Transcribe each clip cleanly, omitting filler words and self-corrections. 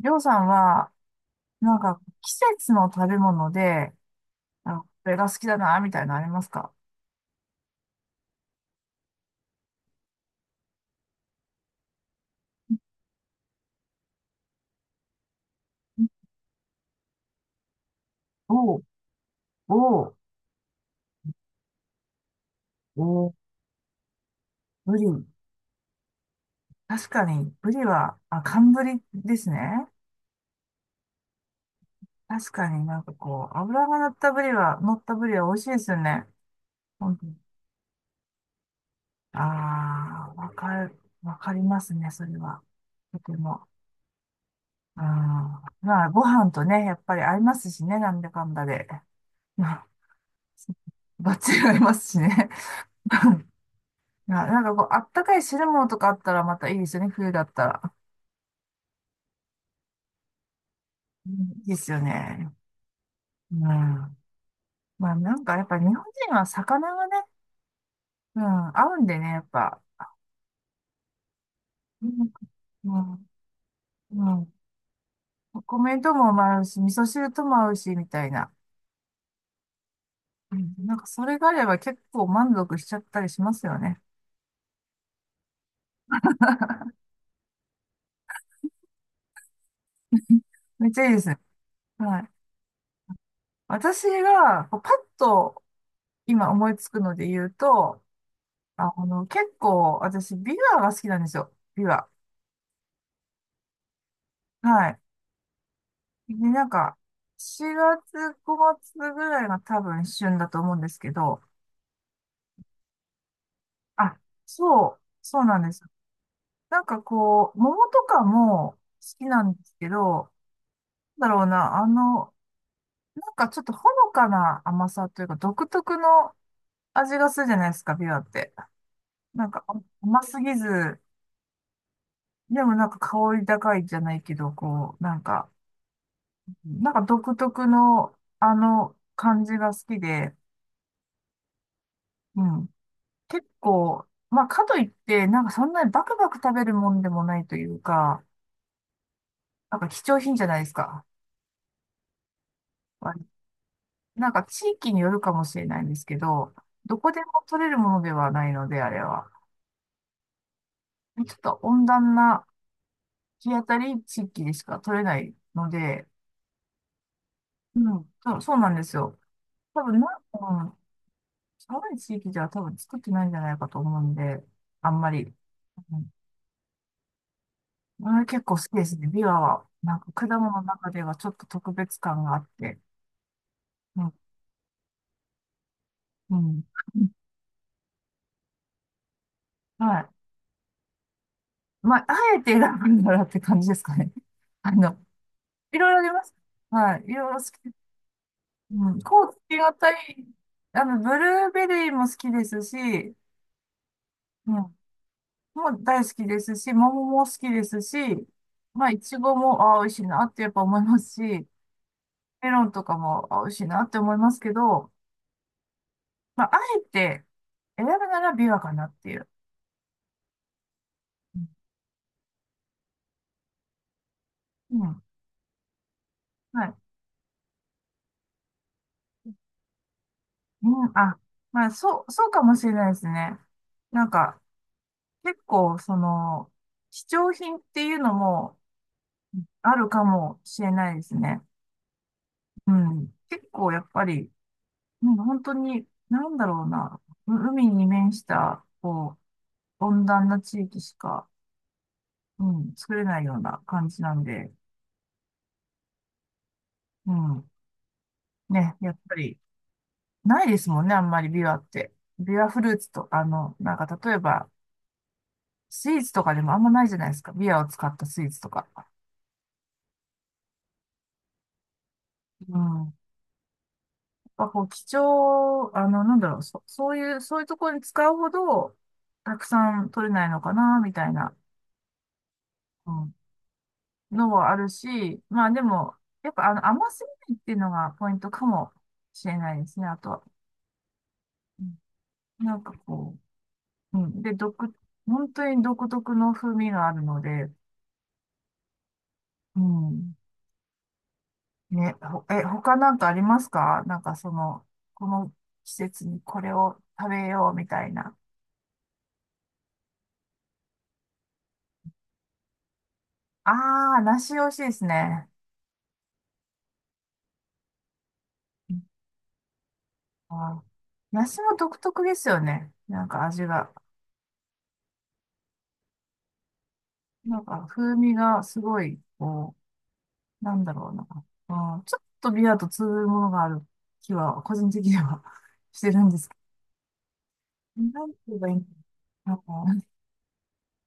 りょうさんは、季節の食べ物で、あ、これが好きだな、みたいなのありますか？おう、おう、おう、ブリ。確かに、ブリは、あ、寒ブリですね。確かにこう、油が乗ったブリは、乗ったブリは美味しいですよね。本当に。ああ、わかる、わかりますね、それは。とても。うん。まあ、ご飯とね、やっぱり合いますしね、なんだかんだで。まあ、バッチリ合いますしね。こう、あったかい汁物とかあったらまたいいですよね、冬だったら。うん、いいですよね。うん。まあやっぱ日本人は魚がね、うん、合うんでね、やっぱ。うん、うん、うん。お米とも合うし、味噌汁とも合うし、みたいな。うん、それがあれば結構満足しちゃったりしますよね。めっちゃいいですね。はい。私が、こうパッと今思いつくので言うと、結構私、ビワが好きなんですよ。ビワ。はい。ね、4月、5月ぐらいが多分旬だと思うんですけど、あ、そうなんです。こう、桃とかも好きなんですけど、なんだろうな、ちょっとほのかな甘さというか、独特の味がするじゃないですか、ビワって。なんか甘すぎず、でも香り高いじゃないけど、こう、独特のあの感じが好きで、うん。結構、まあ、かといって、そんなにバクバク食べるもんでもないというか、貴重品じゃないですか。まあ地域によるかもしれないんですけど、どこでも取れるものではないので、あれは。ちょっと温暖な日当たり地域でしか取れないので、うん、そうなんですよ。多分な、うん、寒い地域では多分作ってないんじゃないかと思うんで、あんまり。うん、あれ結構好きですね。ビワは、果物の中ではちょっと特別感があって、うん、うん、はい。まあ、あえて選ぶならって感じですかね。あの、いろいろあります。はい。いろいろ好き。うん。コーツ気がたい。あの、ブルーベリーも好きですし、うん。もう大好きですし、桃も好きですし、まあ、いちごも、ああ、美味しいなってやっぱ思いますし、メロンとかも、ああ、美味しいなって思いますけど、まあ、あえて選ぶならビワかなっていう。うん。うん。はい。うん、あ、まあ、そうかもしれないですね。なんか、結構、その、貴重品っていうのもあるかもしれないですね。うん。結構、やっぱり、うん、本当に、なんだろうな、海に面した、こう、温暖な地域しか、うん、作れないような感じなんで、うん。ね、やっぱり、ないですもんね、あんまりビワって。ビワフルーツと、あの、例えば、スイーツとかでもあんまないじゃないですか。ビアを使ったスイーツとか。うん。やっぱこう、あの、そういうところに使うほど、たくさん取れないのかな、みたいな、うん、のはあるし、まあでも、やっぱあの、甘すぎないっていうのがポイントかもしれないですね、あとは。うん。こう、うん。で、本当に独特の風味があるので、うん。他なんかありますか？その、この季節にこれを食べようみたいな。ああ、梨美味しいですね。あー、梨も独特ですよね。味が。風味がすごい、こう、なんだろうな。うん、ちょっとビアと通ずるものがある気は、個人的には してるんですけど。なんて言えばいいのかな。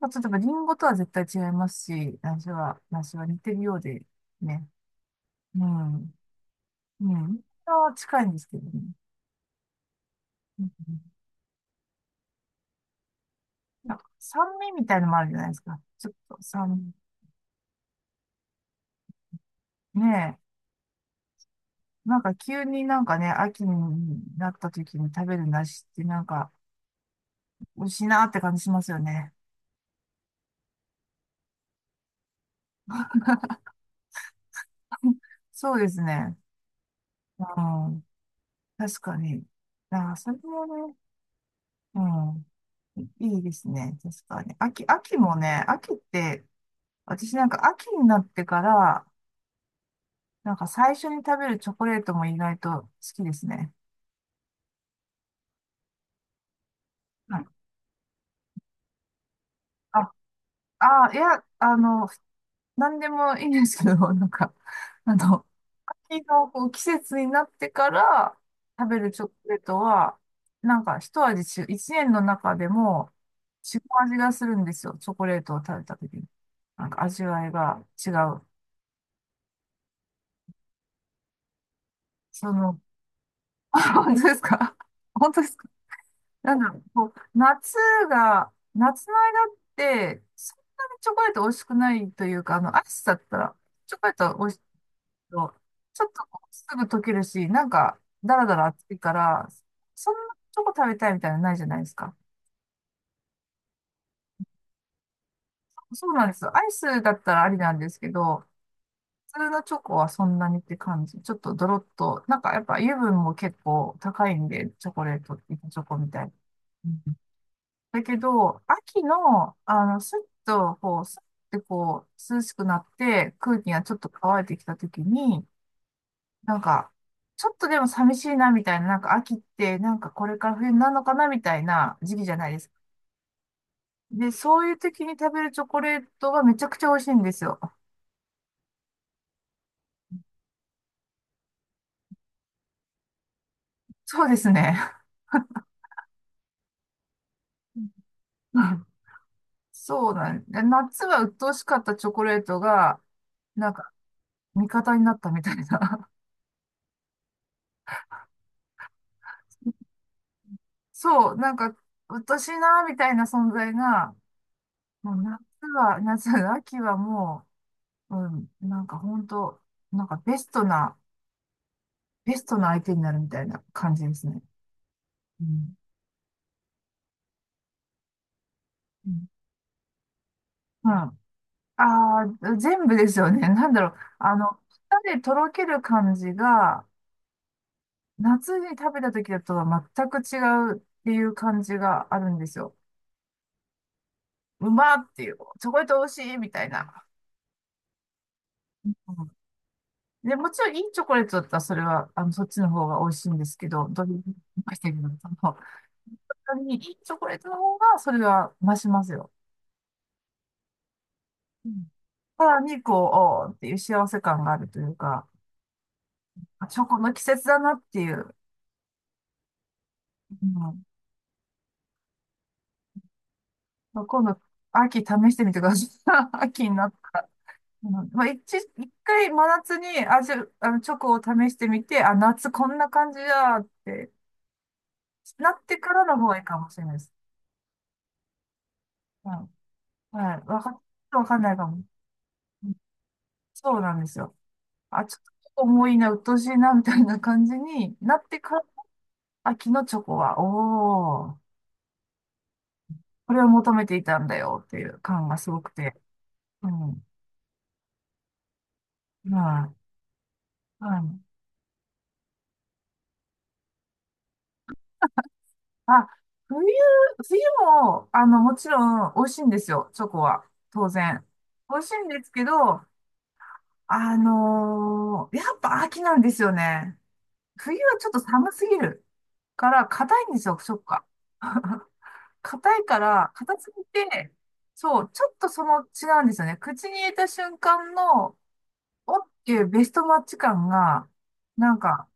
まあちょっとやっぱリンゴとは絶対違いますし、梨は似てるようで、ね。うん。うん。沖縄は近いんですけどね。うん。酸味みたいのもあるじゃないですか。ちょっと酸味。ねえ。急にね、秋になった時に食べる梨って美味しいなって感じしますよね。そうですね。うん。確かに。ああ、それもね、うん。いいですね。確かに。秋もね、秋って、私なんか秋になってから、最初に食べるチョコレートも意外と好きですね。はい。ああ、いや、あの、何でもいいんですけど、なんか、あの、秋のこう季節になってから食べるチョコレートは、一味違う、一年の中でも違う味がするんですよ。チョコレートを食べた時に。味わいが違う。その、あ、本当ですか？本当ですか？なんだろう、こう、夏の間って、そんなにチョコレート美味しくないというか、あの、暑さだったら、チョコレートはど、ちょっとこうすぐ溶けるし、なんか、だらだら熱いから、そんなチョコ食べたいみたいなのないじゃないですか。そうなんですよ。アイスだったらありなんですけど、普通のチョコはそんなにって感じ。ちょっとドロッと、なんかやっぱ油分も結構高いんで、チョコレート、板チョコみたいな。うん。だけど、秋の、あの、スッてこう、涼しくなって、空気がちょっと乾いてきた時に、なんか、ちょっとでも寂しいなみたいな、なんか秋って、なんかこれから冬になるのかなみたいな時期じゃないですか。で、そういう時に食べるチョコレートはめちゃくちゃ美味しいんですよ。そうですね。うん。 そうなんで、夏は鬱陶しかったチョコレートが、なんか味方になったみたいな。そう、なんか鬱陶しいなみたいな存在が、もう夏は、夏、秋はもう、うん、なんか本当なんかベストな、ベストな相手になるみたいな感じですね。うん。うん。まあ、あー、全部ですよね。なんだろう。あの、舌でとろける感じが、夏に食べた時だとは全く違うっていう感じがあるんですよ。うまーっていう、チョコレート美味しいみたいな。うん。で、もちろんいいチョコレートだったらそれは、あの、そっちの方が美味しいんですけど、どれにましたけど、その、本当にいいチョコレートの方がそれは増しますよ。うん。さらにこう、おーっていう幸せ感があるというか、あチョコの季節だなっていう。うん。まあ今度、秋試してみてください。秋になったら。うん。まあ、一回真夏にあの、チョコを試してみて、あ、夏こんな感じだってなってからの方がいいかもしれないです。うん。はい。ちょっとわかんないかも。うん。そうなんですよ。あ、ちょっと重いな、うっとしいな、みたいな感じになってから、秋のチョコは、おー、これを求めていたんだよっていう感がすごくて。うん。はい。はい。あ、冬、冬も、あの、もちろん美味しいんですよ、チョコは。当然。美味しいんですけど、あのーやっぱ秋なんですよね。冬はちょっと寒すぎるから、硬いんですよ、チョコが。硬いから、硬すぎて、そう、ちょっとその違うんですよね。口に入れた瞬間の、おっていうベストマッチ感が、なんか、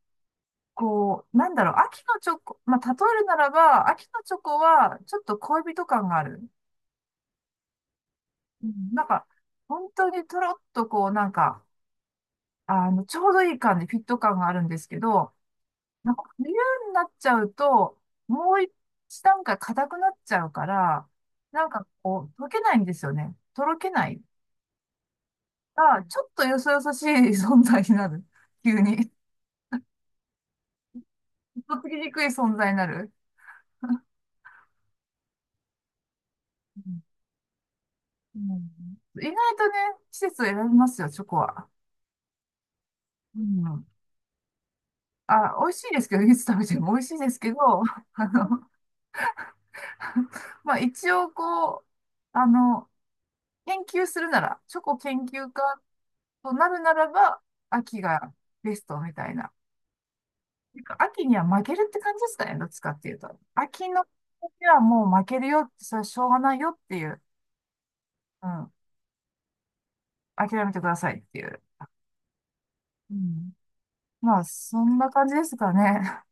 こう、なんだろう、秋のチョコ、まあ、例えるならば、秋のチョコは、ちょっと恋人感がある。うん。なんか、本当にとろっとこう、なんか、あの、ちょうどいい感じ、フィット感があるんですけど、なんか冬になっちゃうと、もう一段階硬くなっちゃうから、なんかこう、溶けないんですよね。とろけない。あ、ちょっとよそよそしい存在になる。急に。とっつきにくい存在になる。うん。うん。意外とね、季節を選びますよ、チョコは。うん。あ、美味しいですけど、いつ食べても美味しいですけど、まあ一応こう、あの、研究するなら、チョコ研究家となるならば、秋がベストみたいな。なんか秋には負けるって感じですかね、どっちかっていうと。秋の時はもう負けるよって、それはしょうがないよっていう、うん、諦めてくださいっていう。うん、まあ、そんな感じですかね。